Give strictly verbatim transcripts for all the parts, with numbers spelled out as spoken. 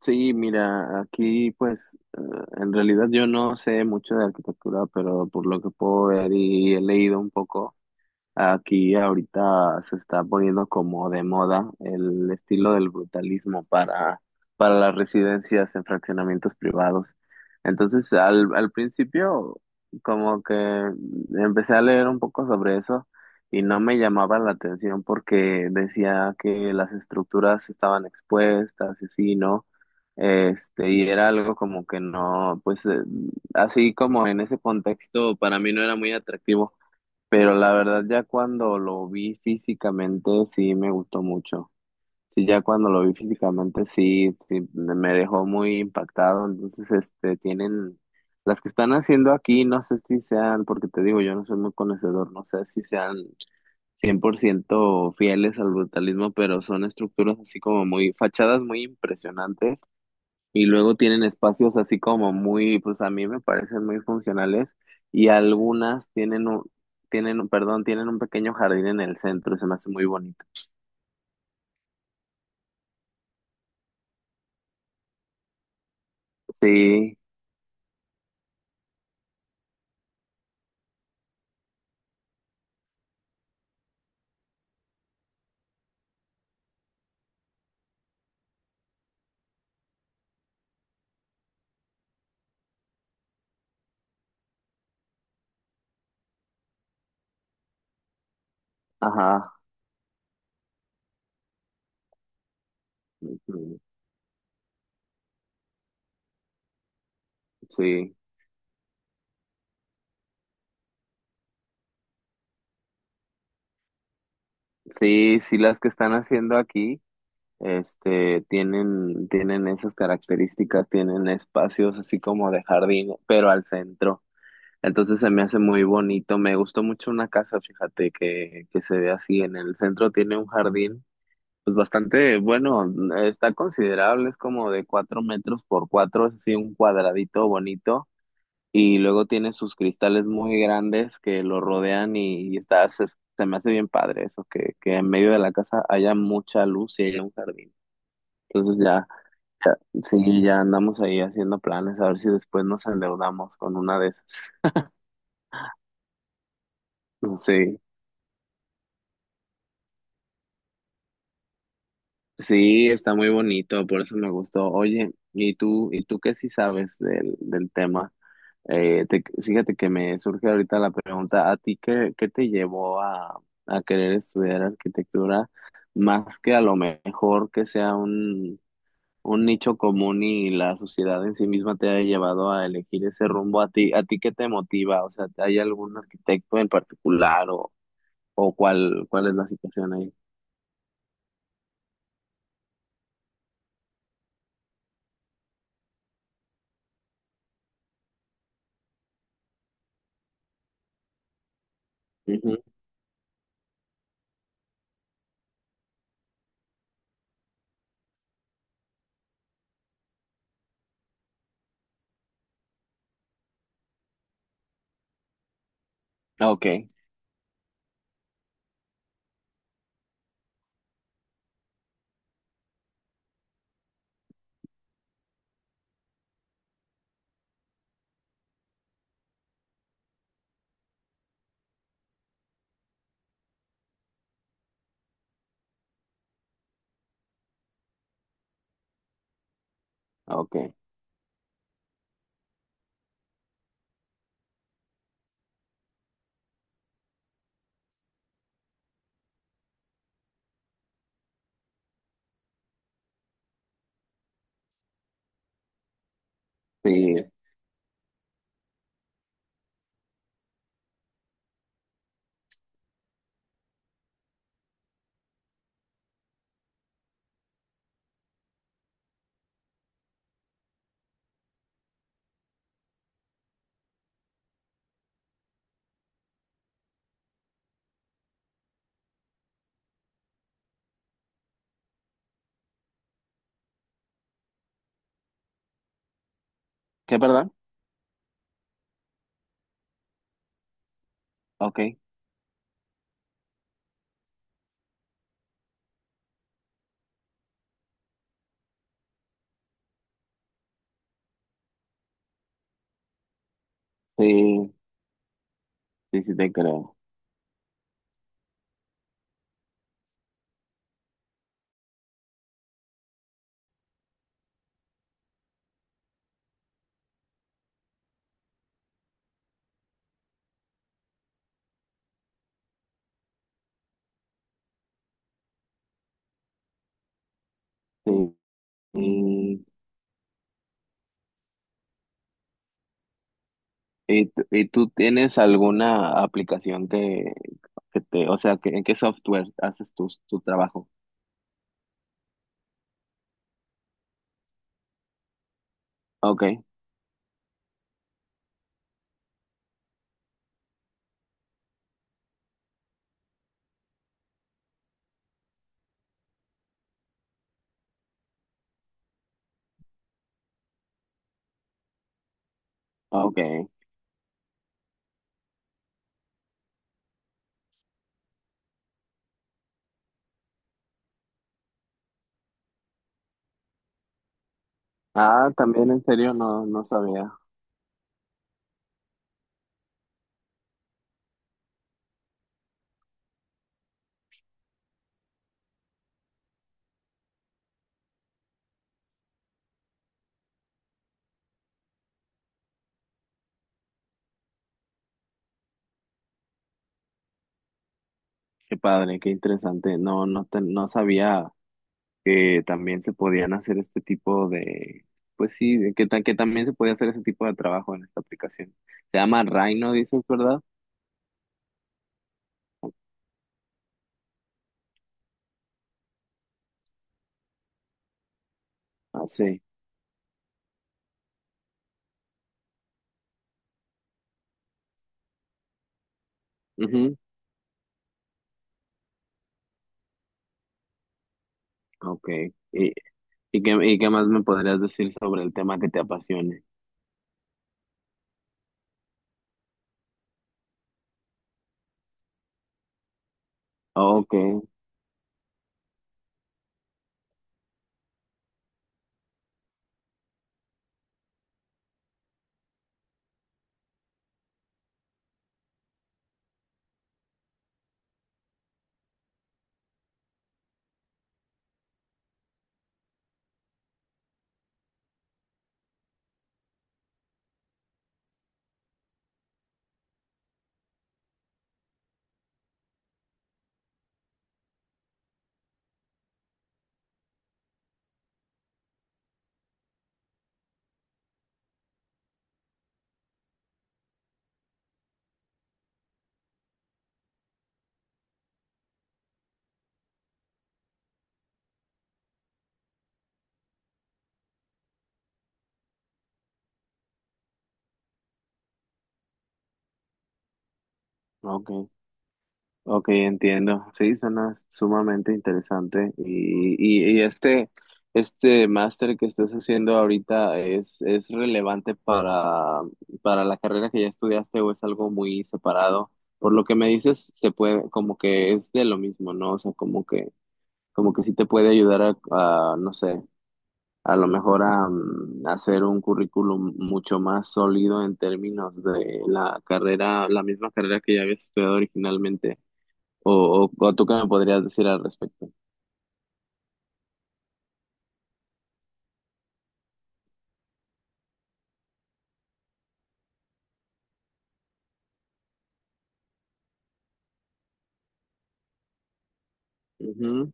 Sí, mira, aquí pues eh, en realidad yo no sé mucho de arquitectura, pero por lo que puedo ver y he leído un poco. Aquí ahorita se está poniendo como de moda el estilo del brutalismo para, para las residencias en fraccionamientos privados. Entonces, al, al principio, como que empecé a leer un poco sobre eso y no me llamaba la atención porque decía que las estructuras estaban expuestas y así, ¿no? Este, y era algo como que no, pues eh, así como en ese contexto para mí no era muy atractivo. Pero la verdad ya cuando lo vi físicamente sí me gustó mucho. Sí, ya cuando lo vi físicamente sí, sí me me dejó muy impactado. Entonces, este, tienen las que están haciendo aquí, no sé si sean, porque te digo, yo no soy muy conocedor, no sé si sean cien por ciento fieles al brutalismo, pero son estructuras así como muy, fachadas muy impresionantes y luego tienen espacios así como muy, pues a mí me parecen muy funcionales y algunas tienen un, tienen, un- perdón, tienen un pequeño jardín en el centro, se me hace muy bonito. Sí, ajá, ujú, sí, sí, sí, las que están haciendo aquí, este, tienen, tienen esas características, tienen espacios así como de jardín, pero al centro. Entonces se me hace muy bonito, me gustó mucho una casa, fíjate, que, que se ve así en el centro, tiene un jardín pues bastante bueno, está considerable, es como de cuatro metros por cuatro, es así un cuadradito bonito, y luego tiene sus cristales muy grandes que lo rodean y, y está, se, se me hace bien padre eso, que, que en medio de la casa haya mucha luz y haya un jardín. Entonces ya, ya, sí, ya andamos ahí haciendo planes, a ver si después nos endeudamos con una de esas. Sí, sí, está muy bonito, por eso me gustó. Oye, ¿y tú, y tú qué sí sabes del, del tema? Eh, te- fíjate que me surge ahorita la pregunta, ¿a ti qué, qué te llevó a, a querer estudiar arquitectura más que a lo mejor que sea un, un nicho común y la sociedad en sí misma te haya llevado a elegir ese rumbo? ¿A ti, a ti qué te motiva? O sea, ¿hay algún arquitecto en particular o, o cuál, cuál es la situación ahí? Ujú. Okay. Ok. Sí. ¿Qué, perdón? Okay. Sí, sí, sí te creo. Sí. ¿Y, tú y tú tienes alguna aplicación que, que te, o sea, que, en qué software haces tu, tu trabajo? Ok, ok. Ah, también en serio no, no sabía. Qué padre, qué interesante. No, no te- no sabía que también se podían hacer este tipo de, pues sí, de que, ta- que también se podía hacer ese tipo de trabajo en esta aplicación. Se llama Rhino, dices, ¿verdad? Ah, sí. Ujú. Ok. ¿Y, y qué, y qué más me podrías decir sobre el tema que te apasione? Ok, ok. Ok, entiendo. Sí, suena sumamente interesante. Y, y, y este, este máster que estás haciendo ahorita es, es relevante para, para la carrera que ya estudiaste o es algo muy separado. Por lo que me dices, se puede, como que es de lo mismo, ¿no? O sea, como que, como que sí te puede ayudar a, a, no sé, a lo mejor a, mm, hacer un currículum mucho más sólido en términos de la carrera, la misma carrera que ya habías estudiado originalmente. ¿O, o, o tú qué me podrías decir al respecto? Ujú.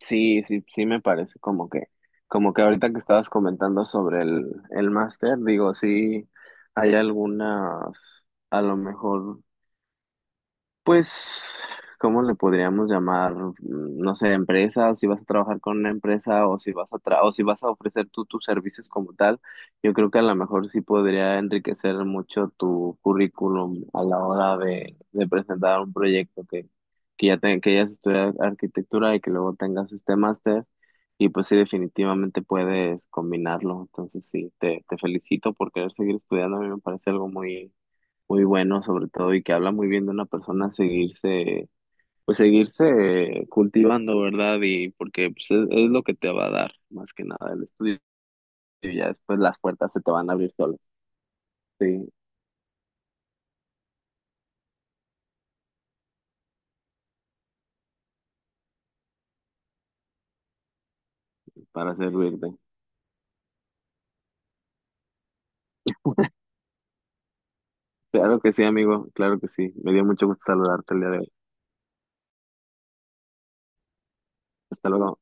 Sí, sí, sí me parece como que, como que ahorita que estabas comentando sobre el, el máster, digo, sí hay algunas, a lo mejor. Pues, ¿cómo le podríamos llamar? Mm, no sé, empresa, si vas a trabajar con una empresa o si vas a tra- o si vas a ofrecer tú tus servicios como tal, yo creo que a lo mejor sí podría enriquecer mucho tu currículum a la hora de, de presentar un proyecto que, que ya te- que ya estudiado arquitectura y que luego tengas este máster. Y pues sí, definitivamente puedes combinarlo. Entonces sí, te, te felicito porque seguir estudiando a mí me parece algo muy muy bueno sobre todo y que habla muy bien de una persona seguirse, pues seguirse cultivando, ¿verdad? Y porque pues, es, es lo que te va a dar más que nada el estudio y ya después las puertas se te van a abrir solas, sí, para servirte. Claro que sí, amigo, claro que sí. Me dio mucho gusto saludarte el día de hoy. Hasta luego.